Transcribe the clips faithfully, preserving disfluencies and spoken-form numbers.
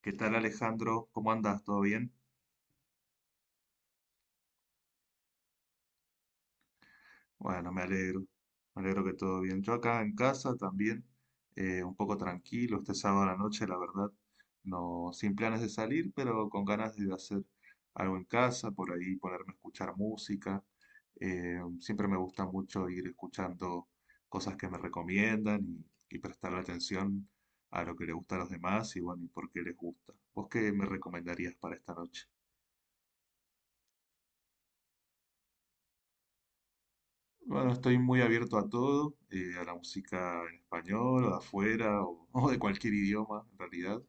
¿Qué tal, Alejandro? ¿Cómo andas? ¿Todo bien? Bueno, me alegro. Me alegro que todo bien. Yo acá en casa también, eh, un poco tranquilo, este sábado a la noche, la verdad, no sin planes de salir, pero con ganas de hacer algo en casa, por ahí ponerme a escuchar música. Eh, siempre me gusta mucho ir escuchando cosas que me recomiendan y, y prestarle atención a lo que le gusta a los demás y bueno, y por qué les gusta. ¿Vos qué me recomendarías para esta noche? Bueno, estoy muy abierto a todo, eh, a la música en español o de afuera o, o de cualquier idioma en realidad.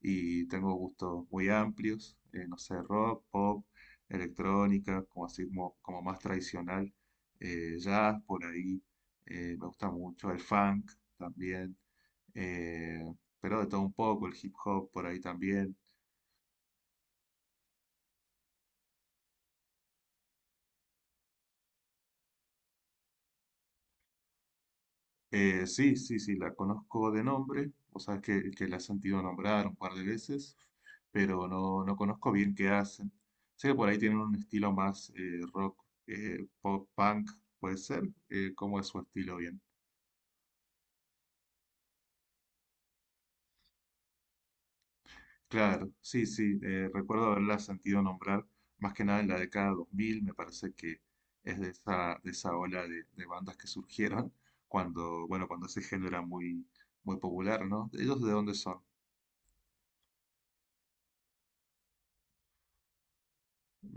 Y tengo gustos muy amplios, eh, no sé, rock, pop, electrónica, como así como, como más tradicional, eh, jazz por ahí, eh, me gusta mucho el funk también, eh, pero de todo un poco, el hip hop por ahí también. Eh, sí, sí, sí, la conozco de nombre, o sea, que, que la he sentido nombrar un par de veces, pero no, no conozco bien qué hacen. Sé que por ahí tienen un estilo más eh, rock, eh, pop punk, puede ser, eh, ¿cómo es su estilo bien? Claro, sí, sí, eh, recuerdo haberla sentido nombrar, más que nada en la década dos mil. Me parece que es de esa, de esa ola de, de bandas que surgieron cuando, bueno, cuando ese género era muy, muy popular, ¿no? ¿Ellos de dónde son?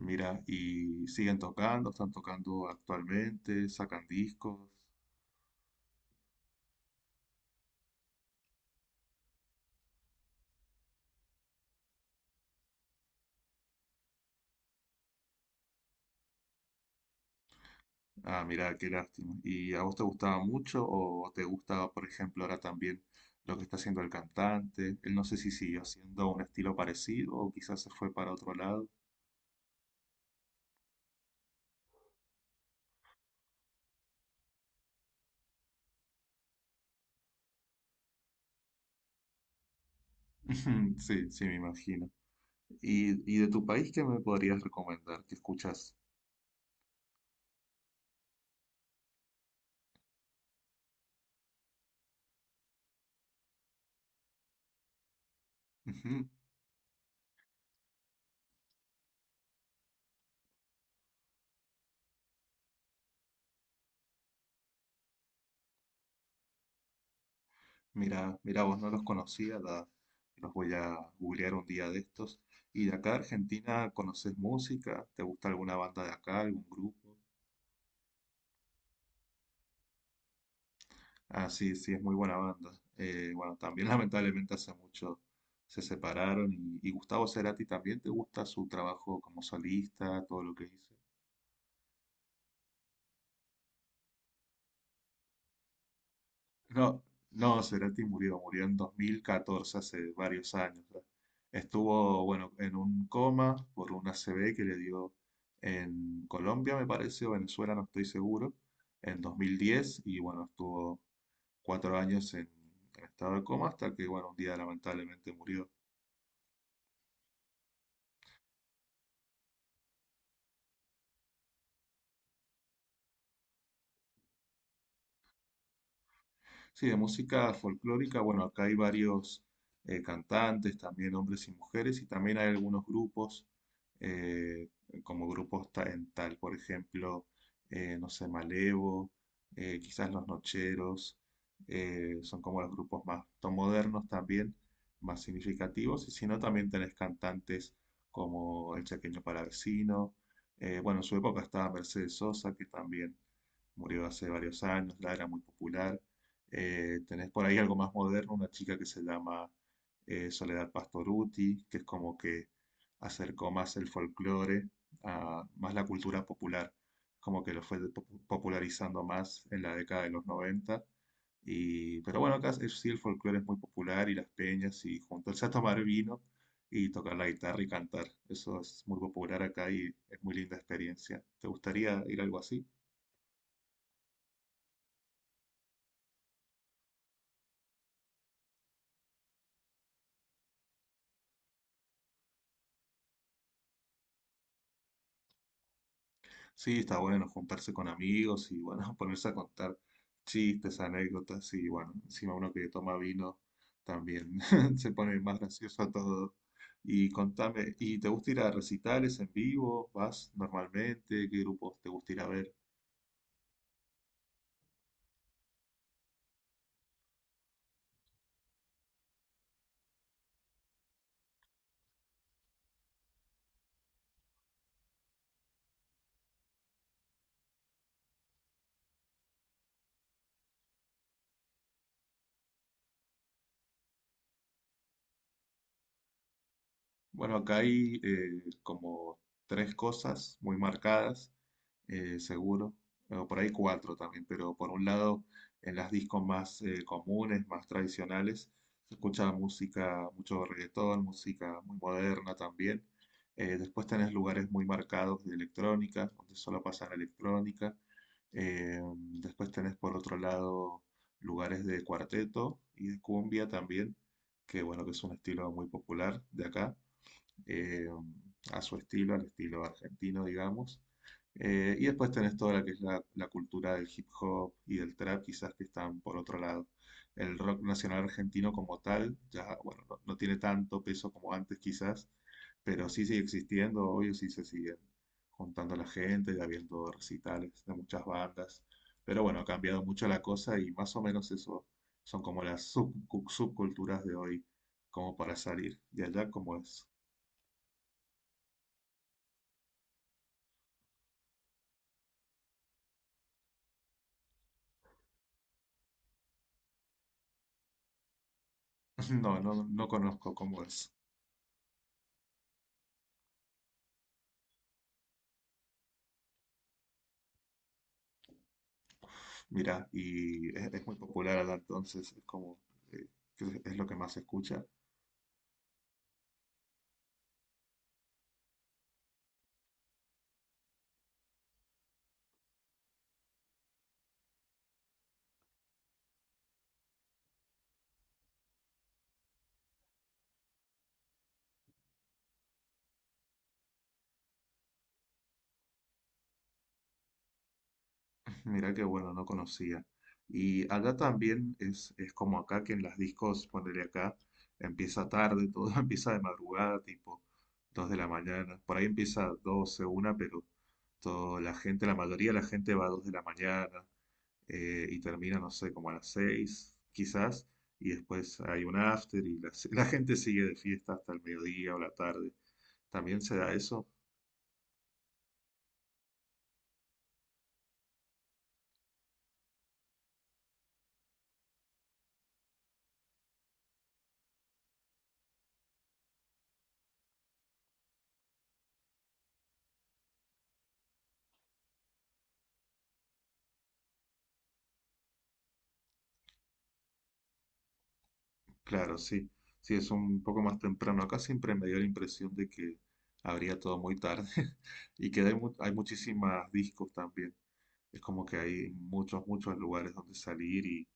Mira, y siguen tocando, están tocando actualmente, sacan discos. Ah, mira, qué lástima. ¿Y a vos te gustaba mucho o te gusta, por ejemplo, ahora también lo que está haciendo el cantante? Él no sé si siguió haciendo un estilo parecido o quizás se fue para otro lado. Sí, sí, me imagino. ¿Y, y de tu país qué me podrías recomendar? ¿Qué escuchas? Mira, mira, vos no los conocía, la- los voy a googlear un día de estos. ¿Y de acá Argentina conoces música? ¿Te gusta alguna banda de acá, algún grupo? Ah, sí, sí, es muy buena banda. Eh, bueno, también lamentablemente hace mucho se separaron y, y Gustavo Cerati también te gusta su trabajo como solista, todo lo que hizo. No, no, Cerati murió, murió en dos mil catorce, hace varios años. ¿Verdad? Estuvo, bueno, en un coma por una A C V que le dio en Colombia, me parece, o Venezuela, no estoy seguro, en dos mil diez, y bueno, estuvo cuatro años en, en estado de coma hasta que, bueno, un día lamentablemente murió. Sí, de música folclórica, bueno, acá hay varios eh, cantantes, también hombres y mujeres, y también hay algunos grupos, eh, como grupos ta- en tal, por ejemplo, eh, no sé, Malevo, eh, quizás Los Nocheros, eh, son como los grupos más to- modernos también, más significativos, y si no, también tenés cantantes como El Chaqueño Palavecino, eh, bueno, en su época estaba Mercedes Sosa, que también murió hace varios años, la era muy popular. Eh, tenés por ahí algo más moderno, una chica que se llama eh, Soledad Pastoruti, que es como que acercó más el folclore a más la cultura popular, como que lo fue po- popularizando más en la década de los noventa. Y, pero bueno, acá es- sí el folclore es muy popular y las peñas y juntarse a tomar vino y tocar la guitarra y cantar. Eso es muy popular acá y es muy linda experiencia. ¿Te gustaría ir a algo así? Sí, está bueno juntarse con amigos y bueno, ponerse a contar chistes, anécdotas y bueno, encima uno que toma vino también se pone más gracioso a todo. Y contame, ¿y te gusta ir a recitales en vivo? ¿Vas normalmente? ¿Qué grupos te gusta ir a ver? Bueno, acá hay eh, como tres cosas muy marcadas. Eh, seguro, o por ahí cuatro también, pero por un lado, en las discos más eh, comunes, más tradicionales, se escucha música, mucho reggaetón, música muy moderna también. Eh, después tenés lugares muy marcados de electrónica, donde solo pasan electrónica. Eh, después tenés por otro lado lugares de cuarteto y de cumbia también, que bueno, que es un estilo muy popular de acá eh, a su estilo, al estilo argentino, digamos. Eh, y después tenés toda la que es la, la cultura del hip hop y del trap, quizás que están por otro lado. El rock nacional argentino como tal, ya, bueno, no, no tiene tanto peso como antes quizás, pero sí sigue existiendo, obvio, sí se siguen juntando la gente y habiendo recitales de muchas bandas. Pero bueno, ha cambiado mucho la cosa y más o menos eso son como las sub- cu- subculturas de hoy, como para salir. ¿Y allá cómo es? No, no, no conozco Converse. Mira, y es, es muy popular acá, entonces es como eh, que es, es lo que más se escucha. Mira que bueno, no conocía. Y acá también es, es como acá que en las discos, ponele acá, empieza tarde, todo empieza de madrugada, tipo dos de la mañana. Por ahí empieza doce una pero toda la gente, la mayoría de la gente va a dos de la mañana. Eh, y termina, no sé, como a las seis quizás, y después hay un after y la, la gente sigue de fiesta hasta el mediodía o la tarde. ¿También se da eso? Claro, sí. Sí, es un poco más temprano. Acá siempre me dio la impresión de que habría todo muy tarde y que hay, mu- hay muchísimas discos también. Es como que hay muchos, muchos lugares donde salir y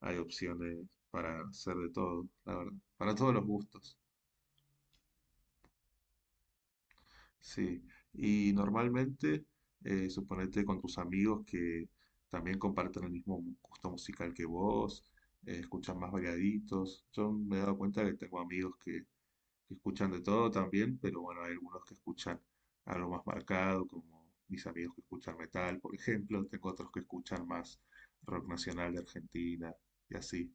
hay opciones para hacer de todo, la verdad, para todos los gustos. Sí, y normalmente, eh, suponete con tus amigos que también comparten el mismo mu- gusto musical que vos, eh, escuchan más variaditos. Yo me he dado cuenta que tengo amigos que, que escuchan de todo también, pero bueno, hay algunos que escuchan algo más marcado, como mis amigos que escuchan metal, por ejemplo. Tengo otros que escuchan más rock nacional de Argentina y así.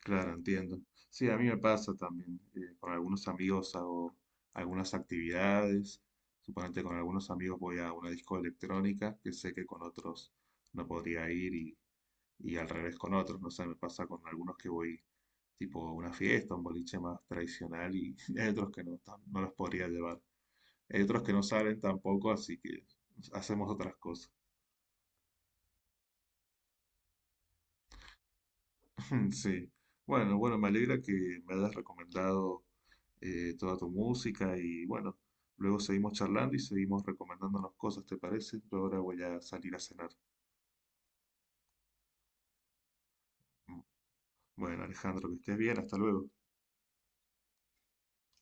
Claro, entiendo. Sí, a mí me pasa también. Eh, con algunos amigos hago algunas actividades. Suponete con algunos amigos voy a una disco electrónica que sé que con otros no podría ir y, y al revés con otros. No sé, me pasa con algunos que voy tipo a una fiesta, un boliche más tradicional y hay otros que no, tam- no los podría llevar. Hay otros que no salen tampoco, así que hacemos otras cosas. Sí. Bueno, bueno, me alegra que me hayas recomendado eh, toda tu música y bueno, luego seguimos charlando y seguimos recomendándonos cosas, ¿te parece? Yo ahora voy a salir a cenar. Mm. Bueno, Alejandro, que estés bien, hasta luego.